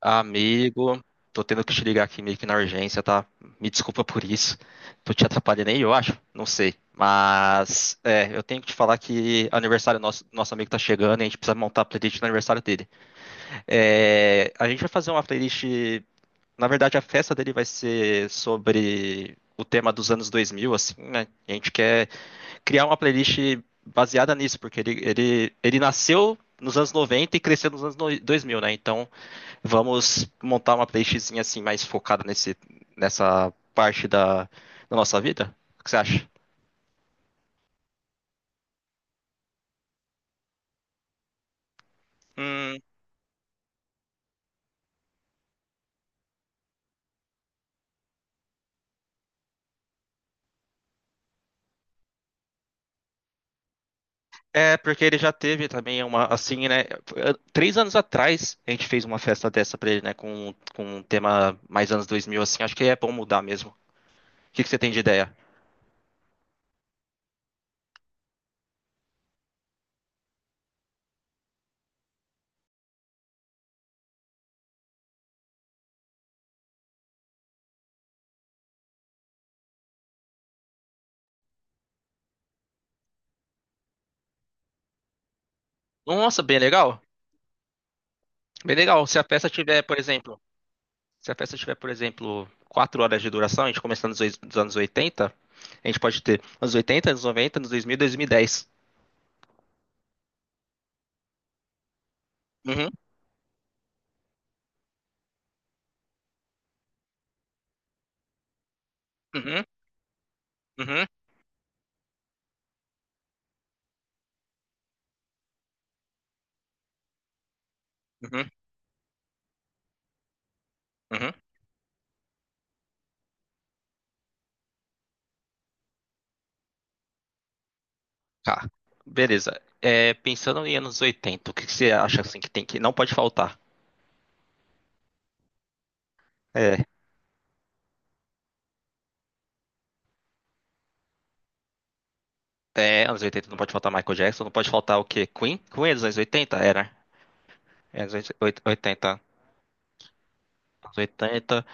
Amigo, tô tendo que te ligar aqui meio que na urgência, tá? Me desculpa por isso. Tô te atrapalhando aí, eu acho. Não sei. Mas, eu tenho que te falar que aniversário nosso amigo tá chegando e a gente precisa montar a playlist do aniversário dele. É, a gente vai fazer uma playlist. Na verdade, a festa dele vai ser sobre o tema dos anos 2000, assim, né? A gente quer criar uma playlist baseada nisso, porque ele nasceu nos anos 90 e cresceu nos anos 2000, né? Então. Vamos montar uma playlistzinha assim mais focada nessa parte da nossa vida? O que você acha? Hum, É, porque ele já teve também uma, assim, né? 3 anos atrás a gente fez uma festa dessa pra ele, né? Com um tema mais anos 2000, assim. Acho que é bom mudar mesmo. O que que você tem de ideia? Nossa, bem legal. Bem legal. Se a festa tiver, por exemplo, se a festa tiver, por exemplo, 4 horas de duração, a gente começando dos anos 80, a gente pode ter anos 80, anos 90, anos 2000, 2010. Uhum, uhum. Uhum, uhum, uhum. Tá. Beleza. É, pensando em anos 80, o que que você acha assim que tem que não pode faltar? É, é, anos 80 não pode faltar Michael Jackson, não pode faltar o quê? Queen? Queen é dos anos 80. Era. É anos oitenta. Anos 80.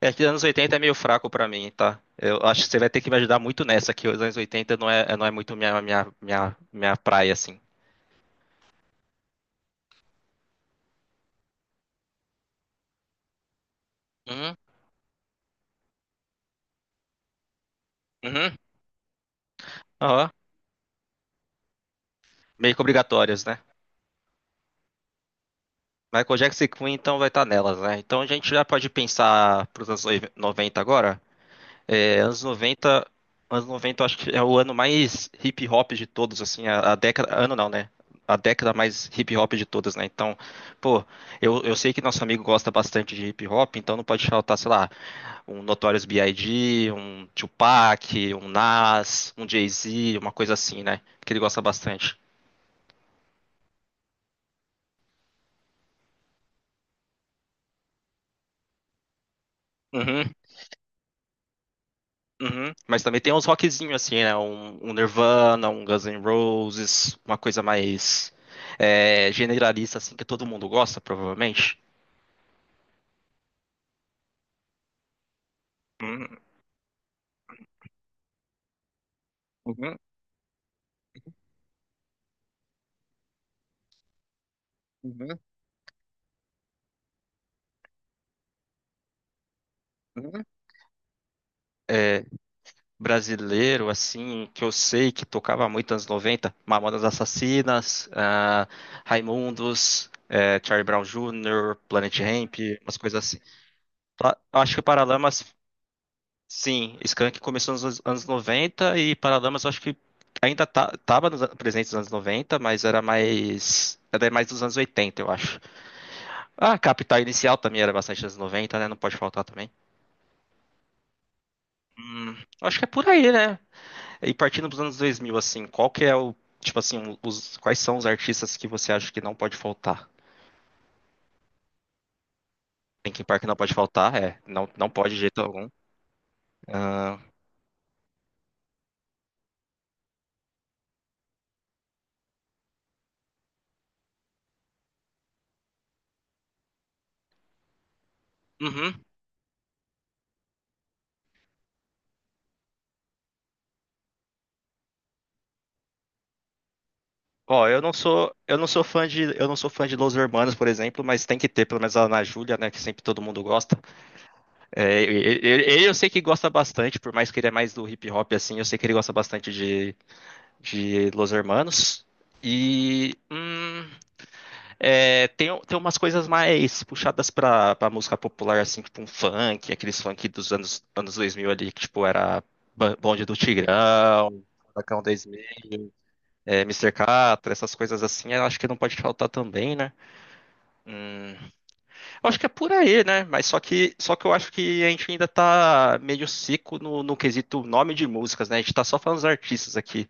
É que anos 80 é meio fraco pra mim, tá? Eu acho que você vai ter que me ajudar muito nessa, que os anos 80 não é muito minha praia, assim. Uhum, uhum. Aham. Meio que obrigatórios, né? Michael Jackson e Queen então vai estar nelas, né? Então a gente já pode pensar para os anos 90 agora. É, anos noventa, eu acho que é o ano mais hip hop de todos, assim, a década, ano não, né? A década mais hip hop de todas, né? Então, pô, eu sei que nosso amigo gosta bastante de hip hop, então não pode faltar, sei lá, um Notorious B.I.G., um Tupac, um Nas, um Jay-Z, uma coisa assim, né? Que ele gosta bastante. Uhum. Mas também tem uns rockzinhos assim, né? Um Nirvana, um Guns N' Roses, uma coisa mais generalista, assim, que todo mundo gosta, provavelmente. Uhum, uhum, uhum, uhum. É, brasileiro, assim, que eu sei que tocava muito nos anos 90, Mamonas Assassinas, Raimundos, Charlie Brown Jr., Planet Hemp, umas coisas assim. Acho que o Paralamas. Sim, Skank começou nos anos 90 e Paralamas eu acho que ainda tá, tava presente nos anos 90, mas era mais. Era mais dos anos 80, eu acho. Ah, Capital Inicial também era bastante anos 90, né? Não pode faltar também. Hum, Acho que é por aí, né? E partindo dos anos 2000, assim, qual que é o. Tipo assim, quais são os artistas que você acha que não pode faltar? Linkin Park não pode faltar, é. Não, não pode de jeito algum. Ah, uhum. Ó, eu não sou fã de Los Hermanos, por exemplo, mas tem que ter pelo menos a Ana Júlia, né, que sempre todo mundo gosta. É, ele eu sei que gosta bastante, por mais que ele é mais do hip hop assim, eu sei que ele gosta bastante de, Los Hermanos. E tem, umas coisas mais puxadas pra música popular, assim, tipo um funk, aqueles funk dos anos 2000 ali, que tipo era Bonde do Tigrão, Furacão 2000, é, Mr. Catra, essas coisas assim, eu acho que não pode faltar também, né? Hum, eu acho que é por aí, né? Mas só que eu acho que a gente ainda tá meio seco no quesito nome de músicas, né? A gente tá só falando dos artistas aqui.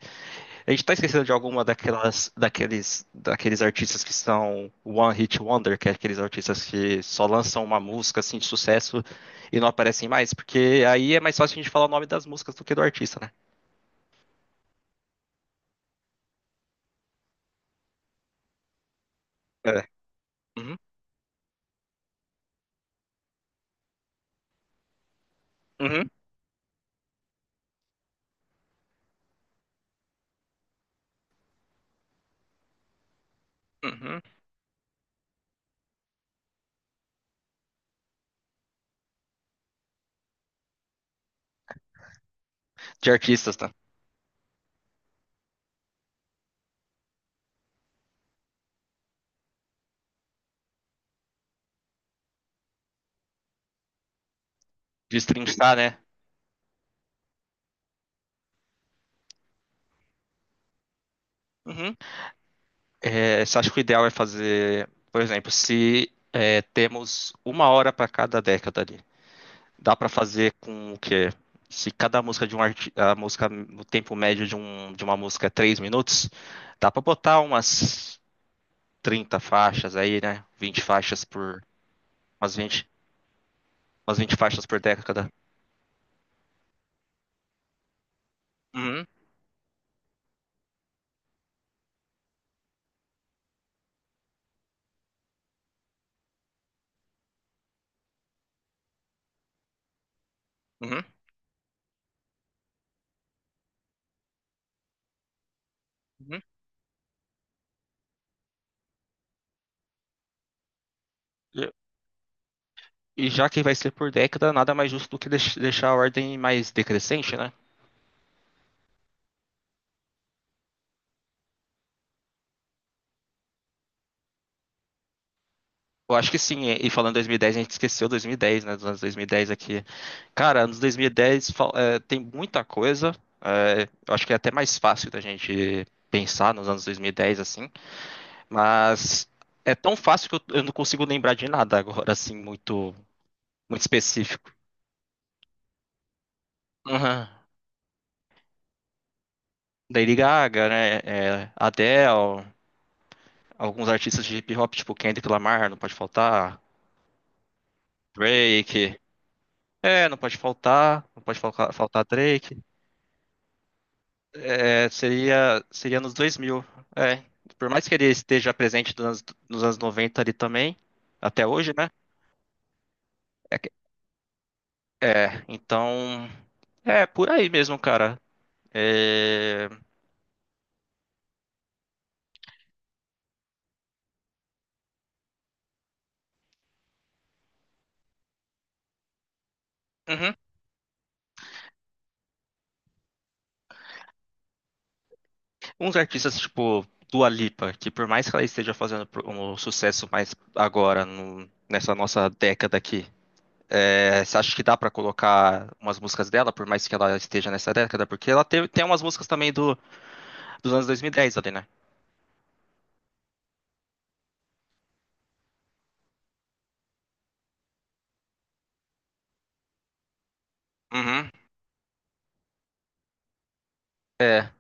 A gente tá esquecendo de alguma daqueles artistas que são One Hit Wonder, que é aqueles artistas que só lançam uma música assim de sucesso e não aparecem mais, porque aí é mais fácil a gente falar o nome das músicas do que do artista, né? É. Uhum, uhum, uhum. De artistas, tá? De destrinchar, né? Uhum. É, você acha que o ideal é fazer, por exemplo, se temos uma hora para cada década ali, dá para fazer com o quê? Se cada música de um arti... a música no tempo médio de uma música é 3 minutos, dá para botar umas 30 faixas aí, né? 20 faixas por umas 20 umas 20 faixas por década. Uhum, uhum, uhum. E e já que vai ser por década, nada mais justo do que deixar a ordem mais decrescente, né? Eu acho que sim, e falando 2010, a gente esqueceu 2010, né? Dos anos 2010 aqui. Cara, anos 2010 tem muita coisa. Eu acho que é até mais fácil da gente pensar nos anos 2010, assim. Mas é tão fácil que eu não consigo lembrar de nada agora, assim, muito, muito específico. Uhum. Lady Gaga, né? Adele, alguns artistas de hip hop, tipo Kendrick Lamar, não pode faltar. Drake. É, não pode faltar. Não pode faltar Drake. É, seria nos 2000. É, por mais que ele esteja presente nos anos 90 ali também, até hoje, né? É, então, é por aí mesmo, cara. É, uhum. Uns artistas tipo Dua Lipa, que por mais que ela esteja fazendo um sucesso mais agora, nessa nossa década aqui, é, você acha que dá pra colocar umas músicas dela, por mais que ela esteja nessa década? Porque ela teve, tem umas músicas também dos anos 2010 ali, né? Uhum. É.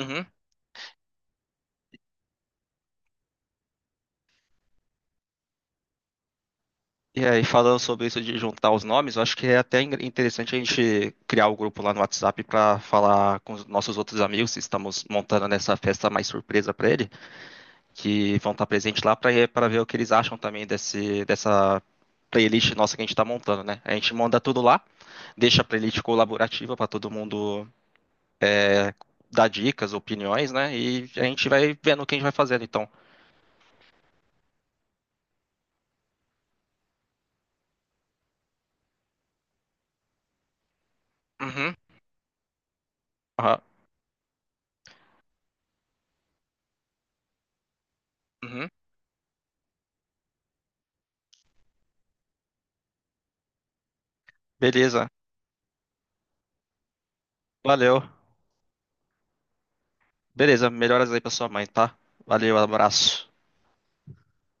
Uhum. E aí, falando sobre isso de juntar os nomes, eu acho que é até interessante a gente criar o grupo lá no WhatsApp para falar com os nossos outros amigos, se estamos montando nessa festa mais surpresa para ele, que vão estar presentes lá para ver o que eles acham também dessa playlist nossa que a gente está montando, né? A gente manda tudo lá, deixa a playlist colaborativa para todo mundo é, dar dicas, opiniões, né? E a gente vai vendo quem vai fazendo, então. Uhum, aham, uhum. Beleza, valeu. Beleza, melhoras aí pra sua mãe, tá? Valeu, abraço.